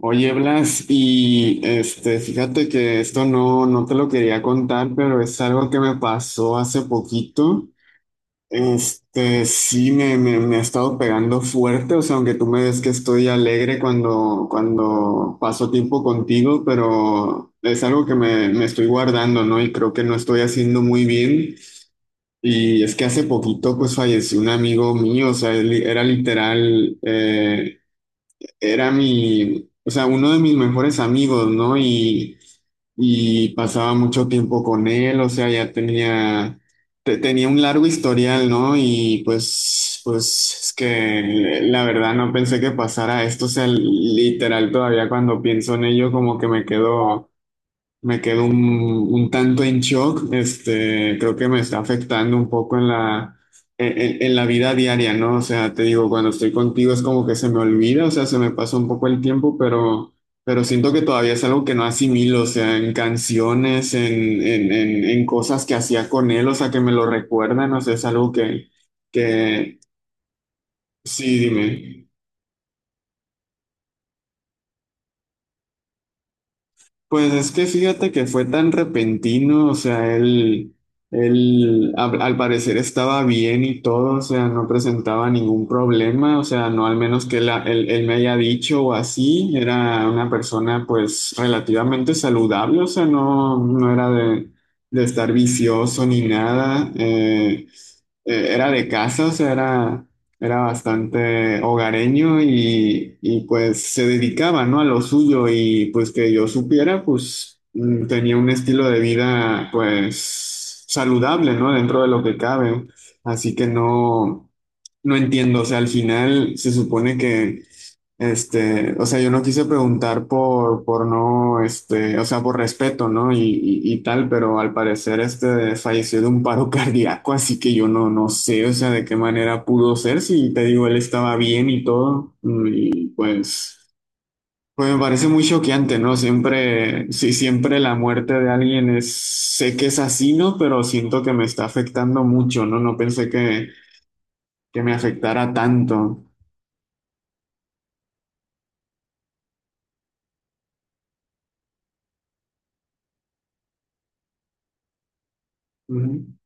Oye, Blas, y este, fíjate que esto no, no te lo quería contar, pero es algo que me pasó hace poquito. Este, sí, me ha estado pegando fuerte, o sea, aunque tú me ves que estoy alegre cuando paso tiempo contigo, pero es algo que me estoy guardando, ¿no? Y creo que no estoy haciendo muy bien. Y es que hace poquito, pues falleció un amigo mío, o sea, él era literal, era mi, o sea, uno de mis mejores amigos, ¿no? Y pasaba mucho tiempo con él, o sea, ya tenía un largo historial, ¿no? Y pues es que la verdad no pensé que pasara esto, o sea, literal todavía cuando pienso en ello como que me quedo. Me quedo un tanto en shock, este, creo que me está afectando un poco en la vida diaria, ¿no? O sea, te digo, cuando estoy contigo es como que se me olvida, o sea, se me pasa un poco el tiempo, pero siento que todavía es algo que no asimilo, o sea, en canciones, en cosas que hacía con él, o sea, que me lo recuerdan, o sea, es algo que. Sí, dime. Pues es que fíjate que fue tan repentino, o sea, él al parecer estaba bien y todo, o sea, no presentaba ningún problema, o sea, no al menos que él me haya dicho o así, era una persona pues relativamente saludable, o sea, no, no era de estar vicioso ni nada, era de casa, o sea, era. Era bastante hogareño y, pues se dedicaba, ¿no? a lo suyo y pues que yo supiera, pues tenía un estilo de vida pues saludable, ¿no? dentro de lo que cabe. Así que no, no entiendo, o sea, al final se supone que este, o sea, yo no quise preguntar por no, este, o sea, por respeto, ¿no? Y tal, pero al parecer este falleció de un paro cardíaco, así que yo no, no sé, o sea, de qué manera pudo ser, si te digo, él estaba bien y todo, y pues me parece muy choqueante, ¿no? Siempre, sí, siempre la muerte de alguien es, sé que es así, ¿no? Pero siento que me está afectando mucho, ¿no? No pensé que me afectara tanto. Ujú.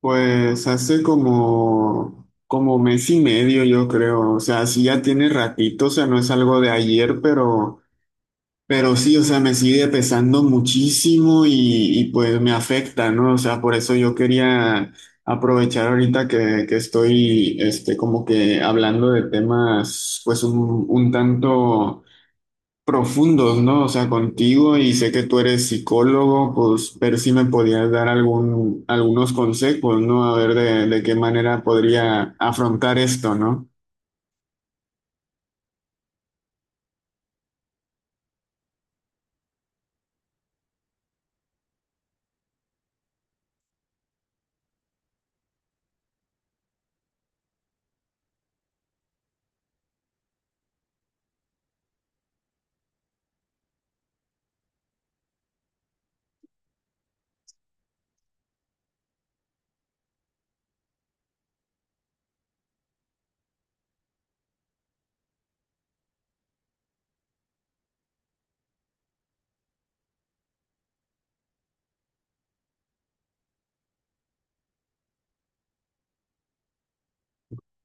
Pues hace como mes y medio, yo creo. O sea, sí ya tiene ratito, o sea, no es algo de ayer, pero sí, o sea, me sigue pesando muchísimo y pues me afecta, ¿no? O sea, por eso yo quería aprovechar ahorita que estoy, este, como que hablando de temas, pues un tanto profundos, ¿no? O sea, contigo y sé que tú eres psicólogo, pues ver si me podías dar algunos consejos, ¿no? A ver de qué manera podría afrontar esto, ¿no?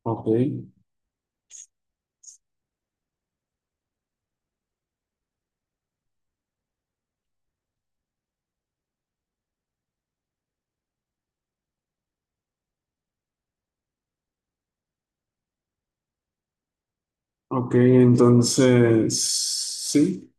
Ok, ok, entonces, sí.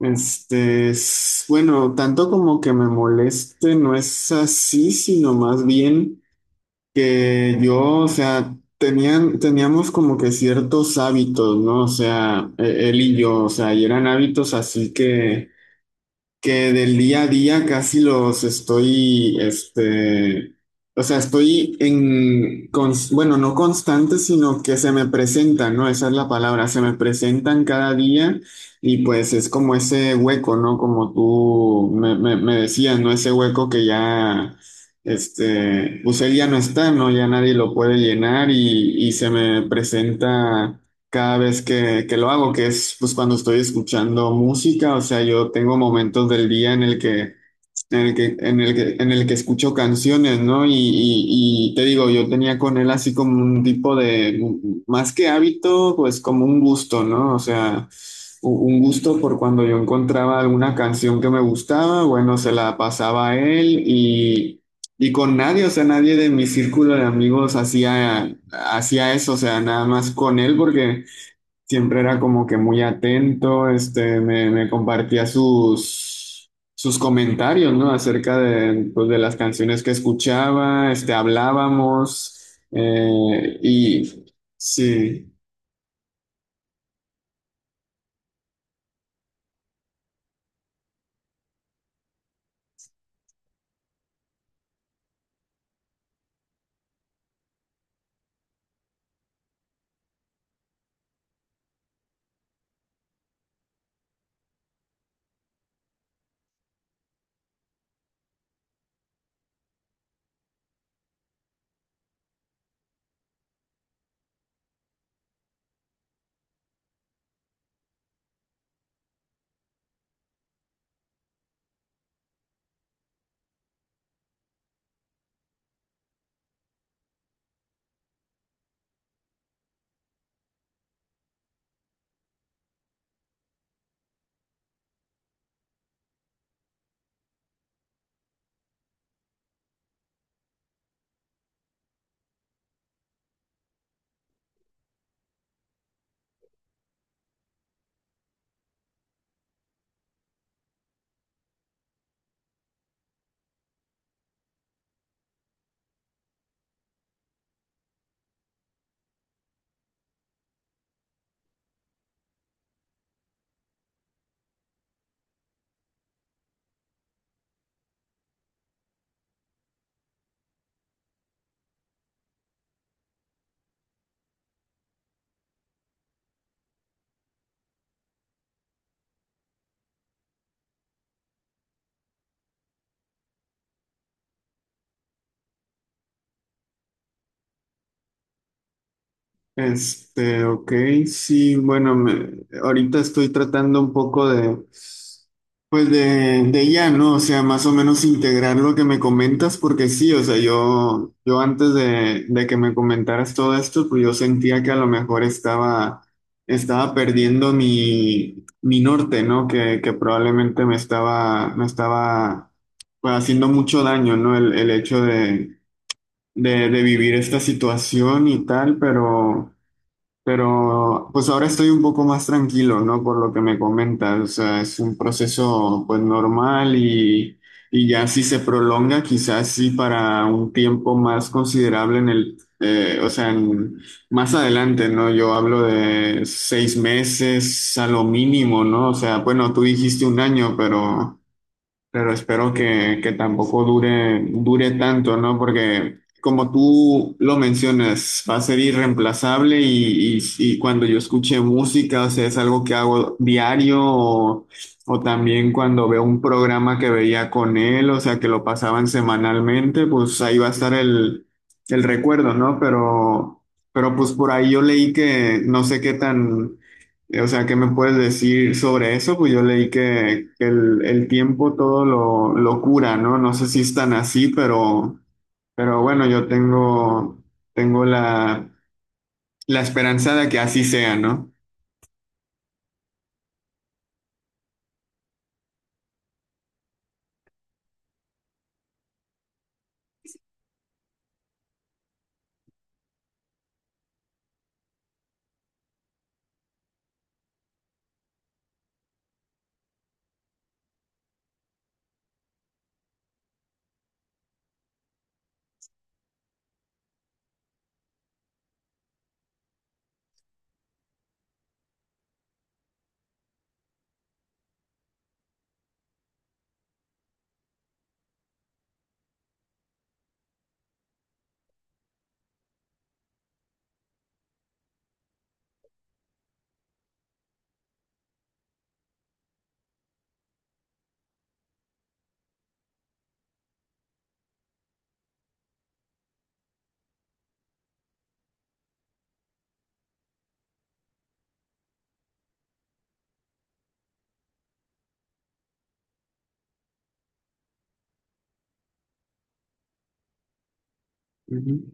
Este, bueno, tanto como que me moleste, no es así, sino más bien, que yo, o sea, teníamos como que ciertos hábitos, ¿no? O sea, él y yo, o sea, y eran hábitos así que del día a día casi los estoy, este, o sea, estoy en, bueno, no constante, sino que se me presentan, ¿no? Esa es la palabra, se me presentan cada día y pues es como ese hueco, ¿no? Como tú me decías, ¿no? Ese hueco que ya, este, pues él ya no está, ¿no? Ya nadie lo puede llenar y se me presenta cada vez que lo hago, que es pues cuando estoy escuchando música, o sea, yo tengo momentos del día en el que, en el que, en el que, en el que escucho canciones, ¿no? Y te digo, yo tenía con él así como un tipo de, más que hábito, pues como un gusto, ¿no? O sea, un gusto por cuando yo encontraba alguna canción que me gustaba, bueno, se la pasaba a él. Y con nadie, o sea, nadie de mi círculo de amigos hacía eso, o sea, nada más con él, porque siempre era como que muy atento, este, me compartía sus comentarios, ¿no? Acerca de, pues, de las canciones que escuchaba, este, hablábamos, y sí. Este, ok, sí, bueno, ahorita estoy tratando un poco de, pues de ya, ¿no? O sea, más o menos integrar lo que me comentas, porque sí, o sea, yo antes de que me comentaras todo esto, pues yo sentía que a lo mejor estaba perdiendo mi norte, ¿no? Que probablemente me estaba, pues, haciendo mucho daño, ¿no? El hecho de vivir esta situación y tal, pero. Pero pues ahora estoy un poco más tranquilo, ¿no? Por lo que me comentas, o sea, es un proceso pues normal y ya si se prolonga, quizás sí para un tiempo más considerable, o sea, más adelante, ¿no? Yo hablo de 6 meses a lo mínimo, ¿no? O sea, bueno, tú dijiste un año, pero. Pero espero que tampoco dure tanto, ¿no? Porque como tú lo mencionas, va a ser irreemplazable y cuando yo escuche música, o sea, es algo que hago diario o también cuando veo un programa que veía con él, o sea, que lo pasaban semanalmente, pues ahí va a estar el recuerdo, ¿no? Pero pues por ahí yo leí que no sé qué tan. O sea, ¿qué me puedes decir sobre eso? Pues yo leí que el tiempo todo lo cura, ¿no? No sé si es tan así, pero bueno, yo tengo la esperanza de que así sea, ¿no? Ujú.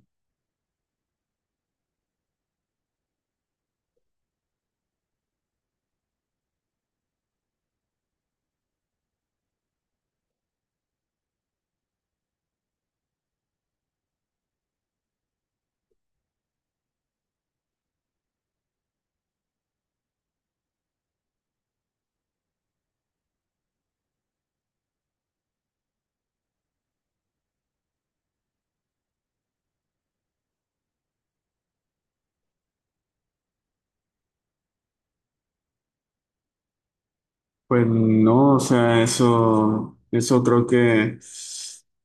Pues no, o sea, eso creo que,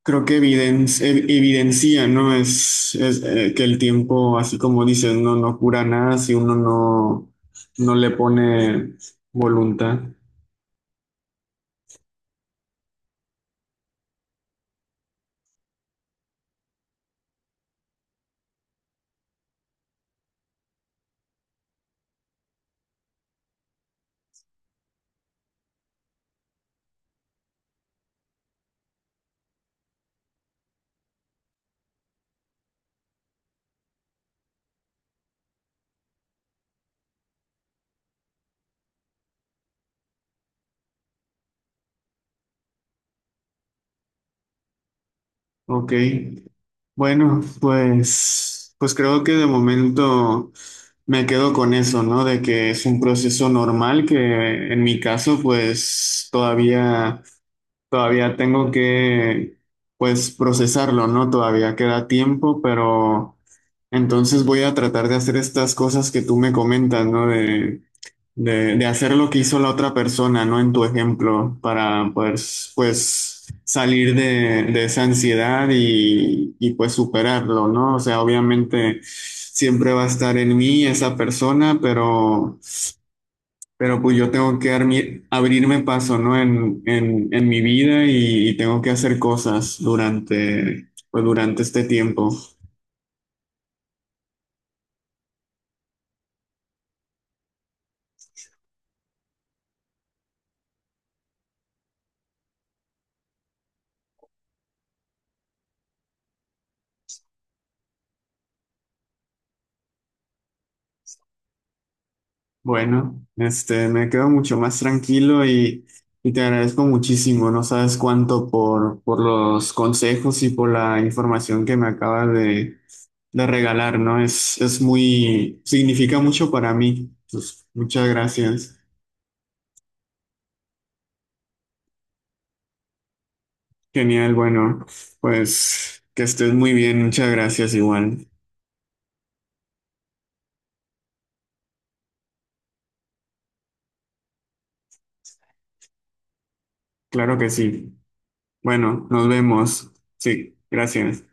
creo que evidencia, ¿no? Es que el tiempo, así como dices, no, no cura nada si uno no, no le pone voluntad. Ok, bueno, pues creo que de momento me quedo con eso, ¿no? De que es un proceso normal que en mi caso, pues todavía tengo que, pues, procesarlo, ¿no? Todavía queda tiempo, pero entonces voy a tratar de hacer estas cosas que tú me comentas, ¿no? De hacer lo que hizo la otra persona, ¿no? En tu ejemplo, para pues salir de esa ansiedad y pues superarlo, ¿no? O sea, obviamente siempre va a estar en mí esa persona, pero pues yo tengo que abrirme paso, ¿no? En mi vida y tengo que hacer cosas durante, pues durante este tiempo. Bueno, este, me quedo mucho más tranquilo y te agradezco muchísimo. No sabes cuánto por los consejos y por la información que me acabas de regalar, ¿no? Es muy, significa mucho para mí. Pues, muchas gracias. Genial, bueno, pues que estés muy bien. Muchas gracias igual. Claro que sí. Bueno, nos vemos. Sí, gracias.